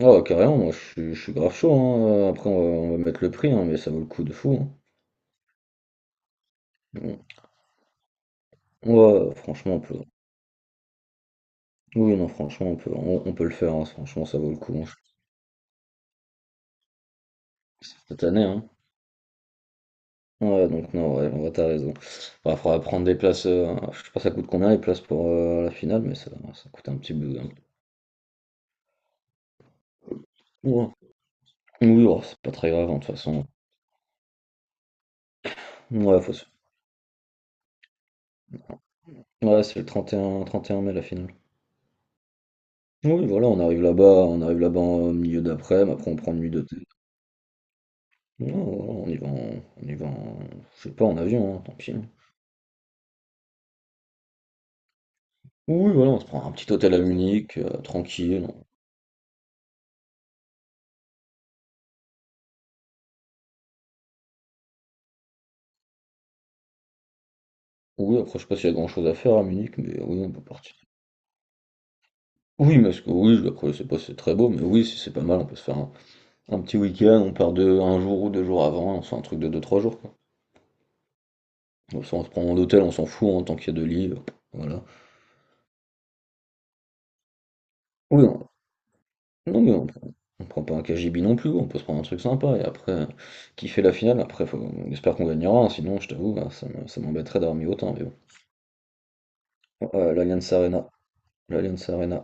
Oh, carrément, moi je suis grave chaud, hein. Après, on va mettre le prix, hein, mais ça vaut le coup de fou, hein. Ouais, ouais, franchement, on peut. Oui, non, franchement, on peut le faire, hein. Franchement, ça vaut le coup, hein. Cette année, hein. Ouais, donc non, ouais, t'as raison. Il faudra prendre des places. Je sais pas, ça coûte combien les places pour la finale, mais ça coûte un petit bout, hein. Ouais. Oui, oh, c'est pas très grave, hein, de toute façon. Ouais, ouais, c'est le trente et un mai la finale. Oui, voilà, on arrive là-bas en milieu d'après, mais après on prend une nuit d'hôtel. Non, non, on y va en je sais pas, en avion, hein, tant pis, hein. Oui, voilà, on se prend un petit hôtel à Munich, tranquille. Oui, après, je sais pas s'il y a grand-chose à faire à Munich, mais oui, on peut partir. Oui, parce que oui, je sais pas si c'est très beau, mais oui, si c'est pas mal, on peut se faire un petit week-end, on part de un jour ou 2 jours avant, on se fait un truc de deux trois jours, quoi. Comme ça, on se prend un hôtel, on s'en fout, hein, tant qu'il y a 2 lits, voilà. Oui, non, mais on prend pas un KGB non plus, on peut se prendre un truc sympa et après kiffer la finale. Après, on espère qu'on gagnera, hein, sinon, je t'avoue, hein, ça m'embêterait d'avoir mis autant. Mais bon. Oh, l'Allianz Arena.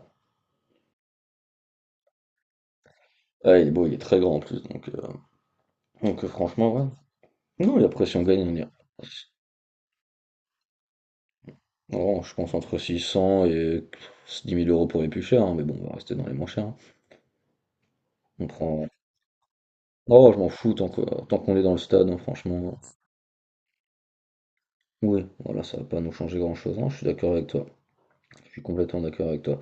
Ah, il est beau, il est très grand en plus, donc, franchement, ouais. Non, et après, si on gagne, on ira. Non, je pense entre 600 et 10 000 euros pour les plus chers, hein, mais bon, on va rester dans les moins chers, hein. On prend. Oh, je m'en fous tant que- tant qu'on est dans le stade, hein, franchement. Oui, voilà, ça va pas nous changer grand-chose, hein, je suis d'accord avec toi. Je suis complètement d'accord avec toi.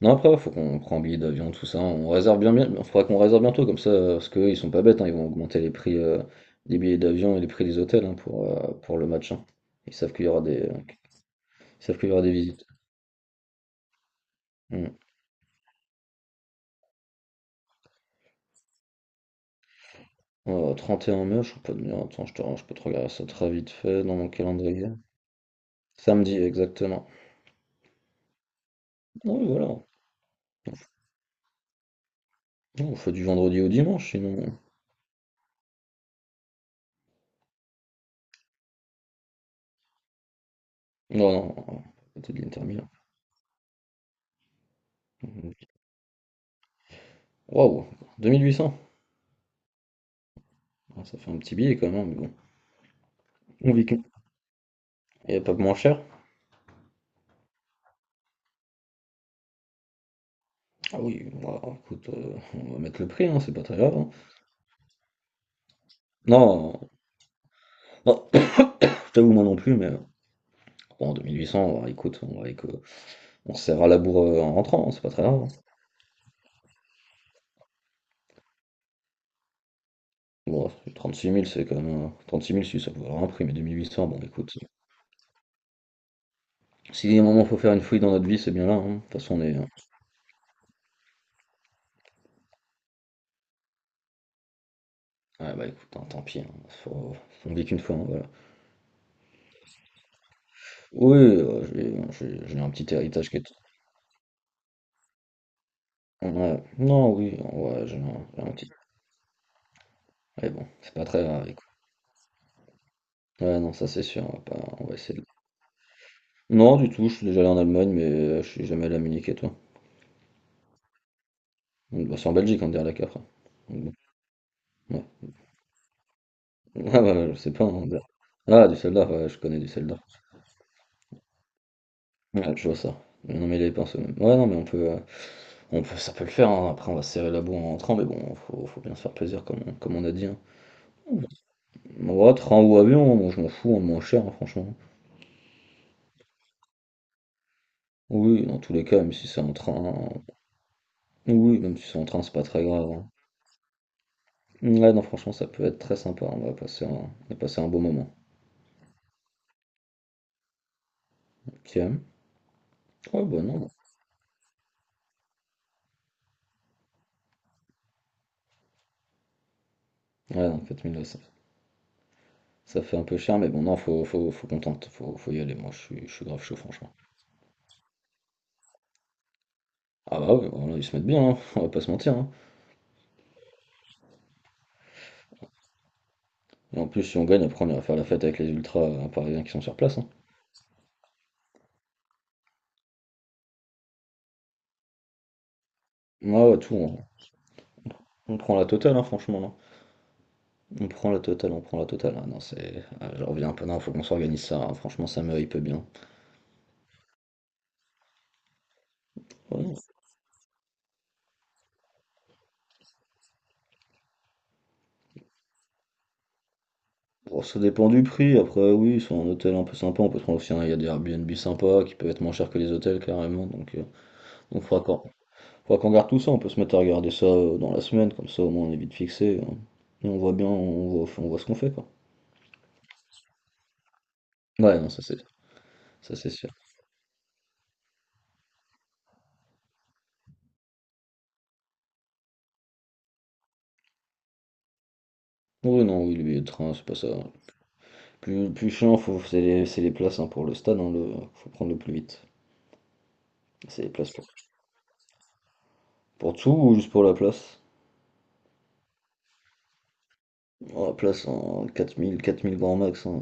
Non, après, ouais, faut qu'on prenne un billet d'avion, tout ça. On réserve bien, bien. Faudra qu'on réserve bientôt, comme ça, parce qu'ils sont pas bêtes, hein, ils vont augmenter les prix des billets d'avion et les prix des hôtels, hein, pour le match, hein. Ils savent qu'il y aura des, ils savent qu'il y aura des visites. Hmm. 31 mai, je peux te dire, attends, je peux te regarder ça très vite fait dans mon calendrier. Samedi, exactement. Oui, voilà. Non, on fait du vendredi au dimanche, sinon. Non, non, non, peut-être de l'Inter Milan. Waouh, 2800. Ah, ça fait un petit billet quand même, hein, mais bon. On vit que-. Et pas moins cher. Ah oui, moi, écoute, on va mettre le prix, hein, c'est pas très grave, hein. Non, non, je t'avoue, moi non plus, mais bon, 2800, ouais, écoute, écoute, on va, que on se serra la bourre en rentrant, hein, c'est pas très grave, hein. Bon, 36 000, c'est quand même, 36 000, si ça peut valoir un prix, mais 2800, bon, écoute. Si à un moment faut faire une fouille dans notre vie, c'est bien là, hein. De toute façon, on est. Ouais, bah écoute, hein, tant pis, hein, faut- on vit qu'une fois, hein, voilà. Oui, j'ai un petit héritage qui est. Ouais, non, oui, ouais, j'ai un petit. Mais bon, c'est pas très grave, écoute. Ouais, non, ça c'est sûr, on va essayer de. Non, du tout, je suis déjà allé en Allemagne, mais je suis jamais allé à Munich, et toi? Donc, bah, c'est en Belgique, en Anderlecht après. Donc, bon, ouais. Ah, bah, je sais pas, Ander-. Ah, Düsseldorf, ouais, je connais Düsseldorf. Ouais, je vois ça. Mais non, mais les pinceaux, même. Ouais, non, mais on peut, ça peut le faire, hein. Après, on va se serrer la boue en rentrant, mais bon, faut bien se faire plaisir, comme, comme on a dit, hein. Ouais, train ou avion, moi, je m'en fous, on moins cher, hein, franchement. Oui, dans tous les cas, même si c'est en train. Oui, même si c'est en train, c'est pas très grave, hein. Ouais, non, franchement, ça peut être très sympa, on va passer un beau moment. Ok. Oh bah non. Ouais, non, 4000 là, ça fait un peu cher, mais bon, non, faut qu'on tente, faut y aller. Moi, je suis grave chaud, franchement. Ah bah ouais, voilà, ils se mettent bien, hein, on va pas se mentir, hein. Et en plus, si on gagne, après, on ira faire la fête avec les ultras parisiens qui sont sur place, hein. Ah ouais, tout, on prend la totale, hein, franchement, non. On prend la totale, on prend la totale. Ah non, c'est... ah, je reviens un peu, non, faut qu'on s'organise ça, hein. Franchement, ça me hype bien. Ouais, non. Bon, ça dépend du prix. Après, oui, sur un hôtel un peu sympa, on peut se prendre aussi, hein. Il y a des Airbnb sympas qui peuvent être moins chers que les hôtels, carrément. Donc, faudra qu'on. Faut qu'on garde tout ça, on peut se mettre à regarder ça dans la semaine, comme ça au moins on est vite fixé, hein. Et on voit bien, on voit ce qu'on fait, quoi. Ouais, non, ça c'est sûr. Oui, non, oui, le billet de train, c'est pas ça. Plus, plus chiant, c'est les places, hein, pour le stade, hein, faut prendre le plus vite. C'est les places pour tout ou juste pour la place? Oh, la place en 4000, 4000 grand max, hein.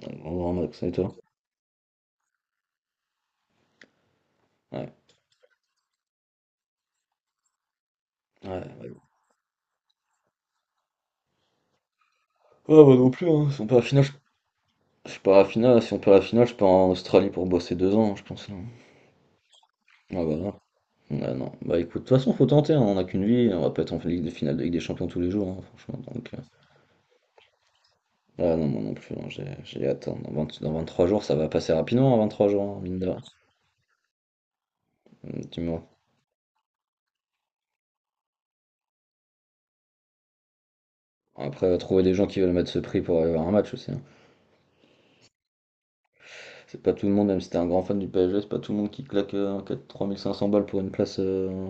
Grand, grand max, et toi? Ouais, ouais, ouais. Ouais, moi non plus, hein. Si on perd la finale, je pars à la finale. Si on perd la finale, je pars en Australie pour bosser 2 ans, je pense, là. Ah bah non. Bah non. Bah écoute, de toute façon, faut tenter, hein, on n'a qu'une vie, on va pas être en Ligue de finale de Ligue des Champions tous les jours, hein, franchement. Donc, ah non, moi non plus, hein, j'ai hâte, hein. Dans 23 jours, ça va passer rapidement, hein, 3 jours, hein, mine de rien. Tu vois. Après, trouver des gens qui veulent mettre ce prix pour aller voir un match aussi, hein. C'est pas tout le monde, même si t'es un grand fan du PSG, c'est pas tout le monde qui claque 3500 balles pour une place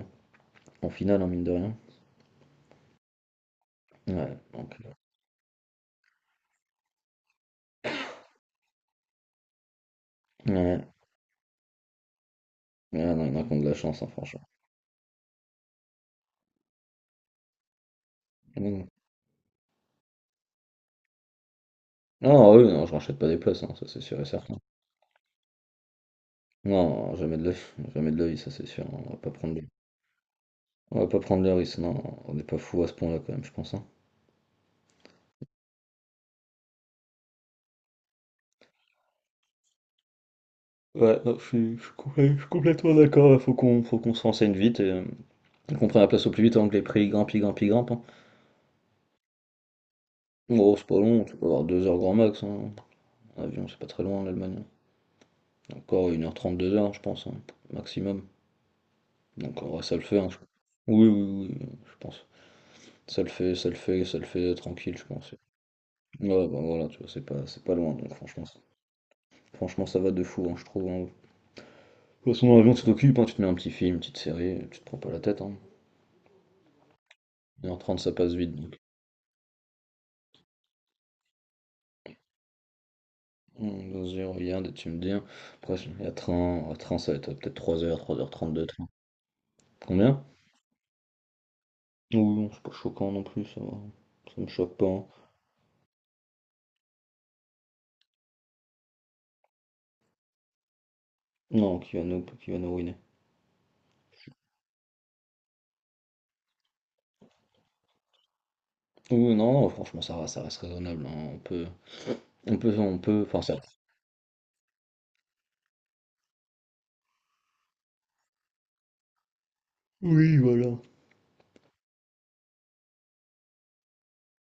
en finale, hein, mine de rien. Ouais, donc, ouais, ouais, non, il y en a qui ont de la chance, hein, franchement. Non, non, ah, oui, non, je rachète pas des places, hein, ça c'est sûr et certain. Non, jamais de la. Jamais de l'œil, ça c'est sûr. On va pas prendre le risque, non. On n'est pas fou à ce point-là quand même, je pense, hein. Ouais, non, je suis complètement d'accord. Faut qu'on se renseigne vite et qu'on prenne la place au plus vite avant que les prix grimpent, ils grimpent, ils grimpent, hein. Bon, c'est pas long, tu peux avoir 2 heures grand max, hein. En avion, c'est pas très loin, l'Allemagne, hein. Encore 1h30, 2 heures, je pense, hein, maximum. Donc en vrai, ça le fait, hein, oui, oui, oui, oui, je pense. Ça le fait, ça le fait, ça le fait tranquille, je pense. Ouais, bah voilà, tu vois, c'est pas loin, donc franchement. Franchement, ça va de fou, hein, je trouve, hein. De toute façon, dans l'avion, tu t'occupes, hein, tu te mets un petit film, une petite série, tu te prends pas la tête, hein. 1 h trente, ça passe vite. Donc. Vas-y, regarde et tu me dis, hein. Après, il y a train, ça va être peut être 3 heures, 3h30, de train. Combien? Oui, non, c'est pas choquant non plus, ça va. Ça me choque pas, hein. Non, qui va nous ruiner. Oui, non, non, franchement, ça va, ça reste raisonnable, hein. On peut, enfin, ça. Oui, voilà.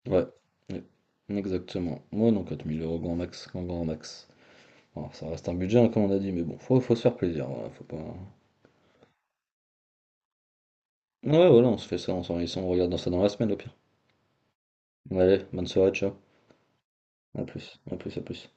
Ouais, ouais, exactement. Moi, non, 4000 euros grand max, grand grand max. Bon, ça reste un budget, hein, comme on a dit, mais bon, faut se faire plaisir, voilà, faut pas... Ouais, voilà, on se fait ça, on s'organise, ça, on regarde dans la semaine, au pire. Allez, bonne soirée, ciao. À plus, à plus, à plus.